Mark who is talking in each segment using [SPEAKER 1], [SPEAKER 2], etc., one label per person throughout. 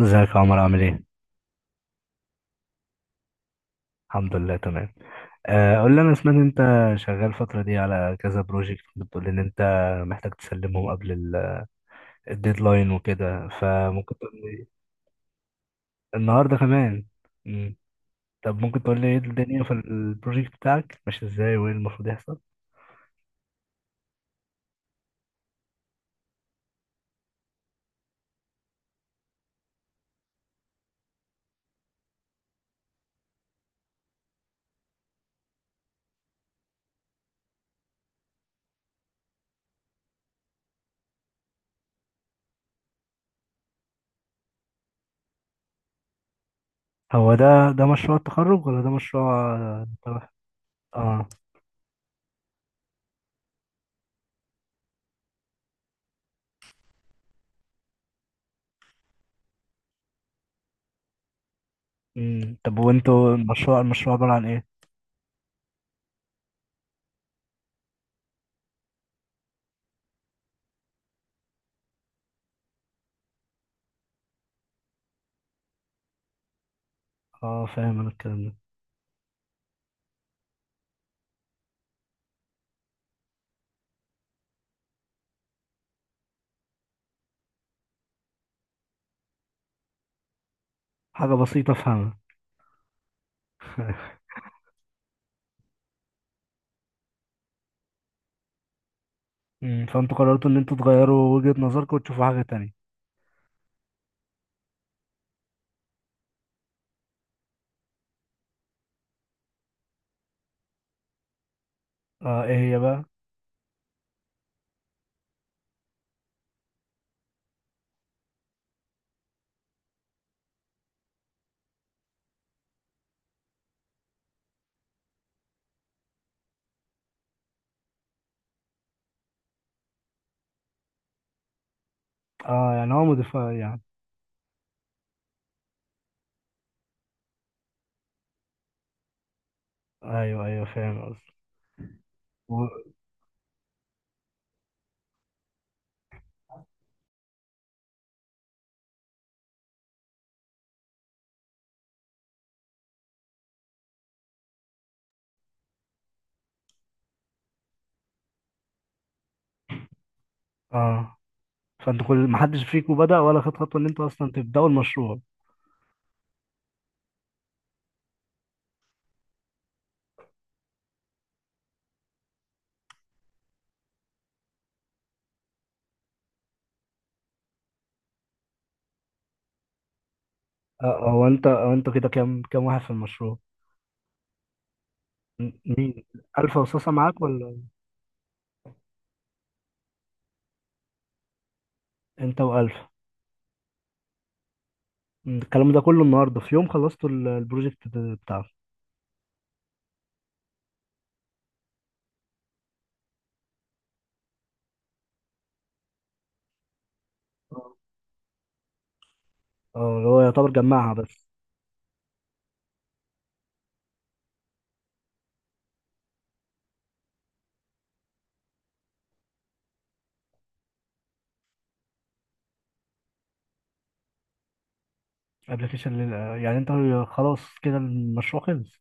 [SPEAKER 1] ازيك يا عمر عامل ايه؟ الحمد لله تمام. قول لي انا سمعت إن انت شغال الفترة دي على كذا بروجكت بتقول لي ان انت محتاج تسلمهم قبل الديدلاين وكده فممكن تقول لي النهارده كمان. مم. طب ممكن تقول لي ايه الدنيا في البروجكت بتاعك ماشي ازاي وايه المفروض يحصل؟ هو ده مشروع التخرج ولا ده مشروع تبع- اه. مم. طب وانتوا المشروع عبارة عن ايه؟ اه، فاهم انا الكلام ده. حاجة بسيطة افهمها. مم. فانتوا قررتوا ان انتوا تغيروا وجهة نظركم وتشوفوا حاجة تانية. اه، ايه هي بقى. اه يعني هو مدفع يعني. ايوه، ايوه، فاهم قصدي و اه، فانتوا كل ما حدش فيكم بدأ ولا خد خطوة ان انتوا اصلا تبدأوا المشروع. هو انت هو انتوا كده كام واحد في المشروع؟ مين؟ ألفا وصاصة معاك ولا انت وألفا؟ مم، الكلام ده كله النهارده في يوم خلصتوا البروجكت بتاعه؟ اه. اللي هو يعتبر جمعها بس. ابلكيشن يعني انت خلاص كده المشروع خلص؟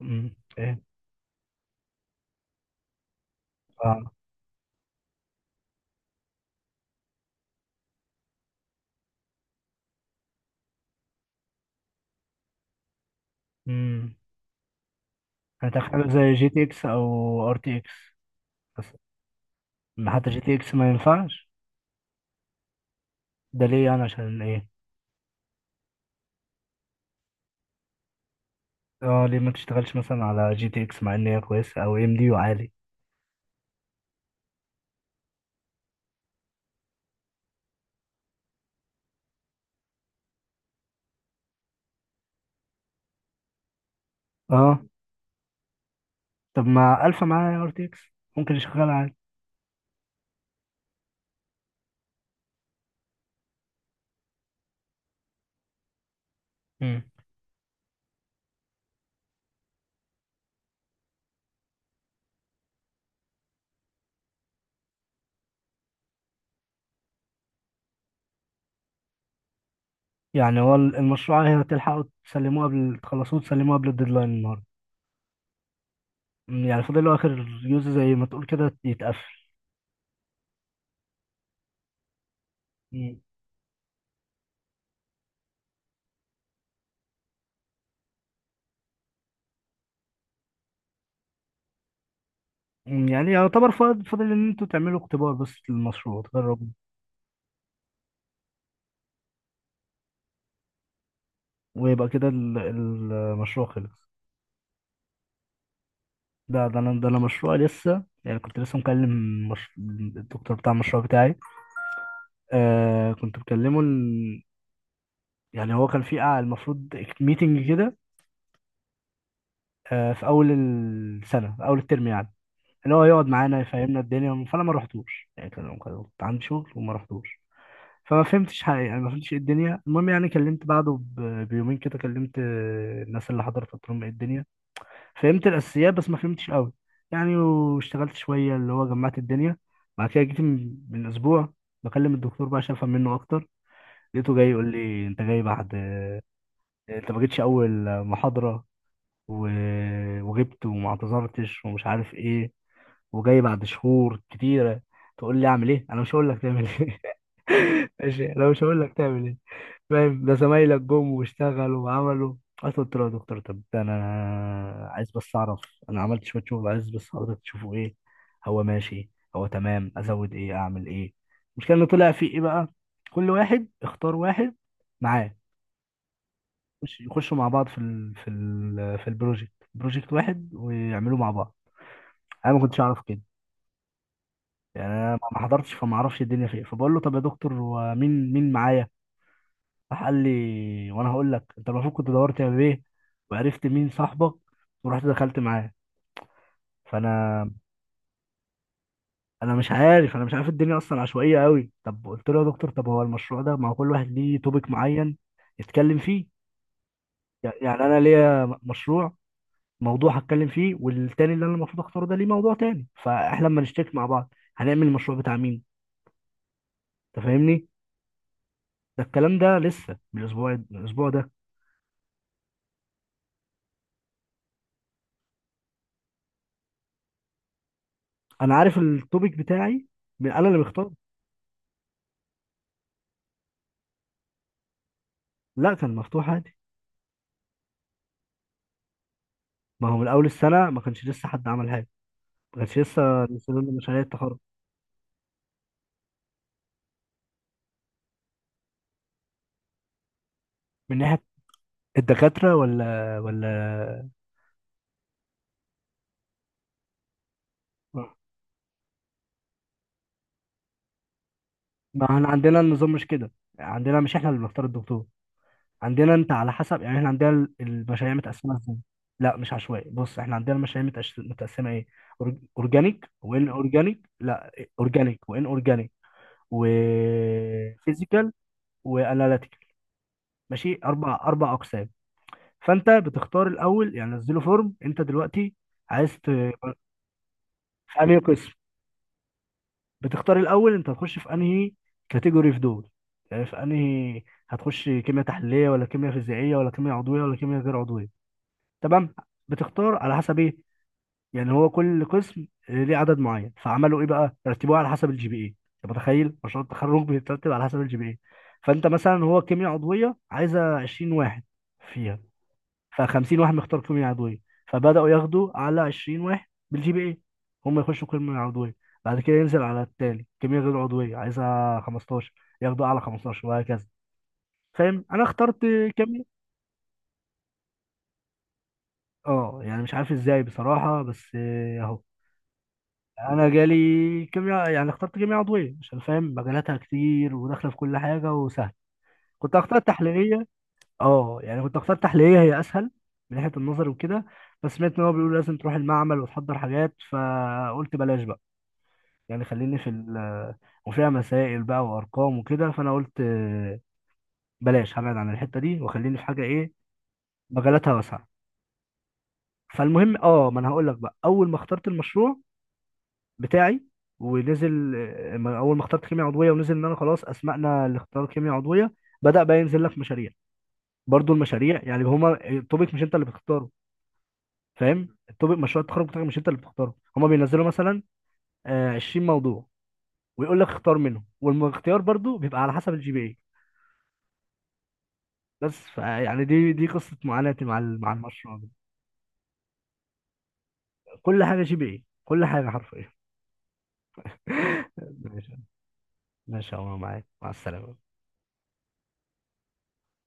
[SPEAKER 1] مم، ايه؟ اه. مم. هتدخله زي جي تي اكس او ار تي اكس بس؟ ما حتى جي تي اكس ما ينفعش؟ ده ليه، يعني عشان ايه؟ اه، ليه ما تشتغلش مثلا على جي تي اكس مع ان هي كويسه، او ام دي وعالي؟ اه. طب ما الفا معايا ار تي اكس، ممكن يشغل عادي. مم. يعني هو المشروع هي هتلحقوا تسلموه قبل الديدلاين النهارده؟ مم، يعني فاضل له اخر يوز زي ما تقول كده، يتقفل. مم. مم، يعني يعتبر فاضل فاضل ان انتوا تعملوا اختبار بس للمشروع، تجربوا، ويبقى كده المشروع خلص. ده انا مشروع لسه، يعني كنت لسه مكلم، مش... الدكتور بتاع المشروع بتاعي. آه كنت بكلمه يعني هو كان في قاعة، المفروض ميتنج كده، في اول السنة في اول الترم يعني، اللي هو يقعد معانا يفهمنا الدنيا. فانا ما رحتوش، يعني كنت عندي شغل وما رحتوش. فما فهمتش حقيقة، يعني ما فهمتش ايه الدنيا. المهم يعني كلمت بعده بيومين كده، كلمت الناس اللي حضرت، قلت لهم ايه الدنيا. فهمت الاساسيات بس ما فهمتش قوي، يعني، واشتغلت شويه اللي هو جمعت الدنيا. بعد كده جيت من اسبوع بكلم الدكتور بقى عشان افهم منه اكتر. لقيته جاي يقول لي انت جاي بعد، انت ما جيتش اول محاضره، و وغبت وما اعتذرتش ومش عارف ايه، وجاي بعد شهور كتيره تقول لي اعمل ايه، انا مش هقول لك تعمل ايه. ماشي، انا مش هقول لك تعمل ايه، فاهم؟ ده زمايلك جم واشتغلوا وعملوا. قلت له يا دكتور، طب ده انا عايز بس اعرف، انا عملت شويه شغل، عايز بس حضرتك تشوفه. ايه، هو ماشي؟ هو تمام؟ ازود ايه، اعمل ايه؟ المشكله ان طلع في ايه بقى، كل واحد اختار واحد معاه، يخشوا مع بعض في بروجكت واحد، ويعملوا مع بعض. انا ما كنتش اعرف كده، يعني انا ما حضرتش، فما اعرفش الدنيا فيه. فبقول له طب يا دكتور، ومين مين معايا؟ راح قال لي، وانا هقول لك، انت المفروض كنت دورت يا بيه وعرفت مين صاحبك ورحت دخلت معاه. فانا، انا مش عارف الدنيا اصلا، عشوائيه قوي. طب قلت له يا دكتور، طب هو المشروع ده، ما هو كل واحد ليه توبيك معين يتكلم فيه، يعني انا ليا مشروع، موضوع هتكلم فيه، والتاني اللي انا المفروض اختاره ده ليه موضوع تاني، فاحنا لما نشتكي مع بعض هنعمل المشروع بتاع مين؟ انت فاهمني. ده الكلام ده لسه من الاسبوع ده. انا عارف التوبيك بتاعي من انا اللي مختار. لا، كان مفتوح عادي. ما هو من اول السنه ما كانش لسه حد عمل حاجه، ما كانش لسه نزلوا لنا مشاريع التخرج من ناحيه الدكاتره ولا. ما احنا عندنا النظام مش كده، عندنا مش احنا اللي بنختار الدكتور، عندنا انت على حسب، يعني احنا عندنا المشاريع متقسمه ازاي. لا مش عشوائي، بص احنا عندنا المشاريع متقسمه ايه، اورجانيك وان اورجانيك، لا اورجانيك وان اورجانيك وفيزيكال واناليتيكال، ماشي، اربع اقسام. فانت بتختار الاول، يعني نزله فورم انت دلوقتي عايز في انهي قسم، بتختار الاول انت هتخش في انهي كاتيجوري في دول، يعني في انهي هتخش، كيمياء تحليليه ولا كيمياء فيزيائيه ولا كيمياء عضويه ولا كيمياء غير عضويه، تمام؟ بتختار على حسب ايه؟ يعني هو كل قسم ليه عدد معين، فعملوا ايه بقى، رتبوه على حسب الجي بي اي. انت متخيل، مشروع التخرج بيترتب على حسب الجي بي اي. فانت مثلا هو كيمياء عضويه عايزه 20 واحد فيها، ف50 واحد مختار قيم العضويه، فبداوا ياخدوا على 20 واحد بالجي بي اي، هم يخشوا قيم العضويه. بعد كده ينزل على التالي، كميه غير عضويه عايزها 15، ياخدوا اعلى 15، وهكذا. فاهم، انا اخترت كميه. اه يعني مش عارف ازاي بصراحه، بس اهو. انا جالي كيمياء، يعني اخترت كيمياء عضويه عشان فاهم مجالاتها كتير، وداخله في كل حاجه وسهل. كنت هختار تحليليه، اه يعني كنت اختار تحليليه، هي اسهل من ناحيه النظر وكده، بس سمعت ان هو بيقول لازم تروح المعمل وتحضر حاجات، فقلت بلاش بقى، يعني خليني في ال آه، وفيها مسائل بقى وارقام وكده، فانا قلت بلاش، هبعد عن الحته دي وخليني في حاجه ايه، مجالاتها واسعه. فالمهم ما انا هقول لك بقى، اول ما اخترت المشروع بتاعي ونزل، اول ما اخترت كيمياء عضويه ونزل ان انا خلاص اسمعنا لاختيار كيمياء عضويه، بدأ بقى ينزل لك مشاريع، برضو المشاريع يعني هما التوبيك مش انت اللي بتختاره. فاهم، التوبيك، مشروع التخرج بتاعك مش انت اللي بتختاره، هما بينزلوا مثلا 20 موضوع، ويقول لك اختار منهم، والاختيار برضو بيبقى على حسب الجي بي اي. بس يعني دي قصة معاناتي مع المشروع ده. كل حاجة جي بي اي، كل حاجة حرفيا. ماشي. ماشي يا عمر، معاك، مع السلامة.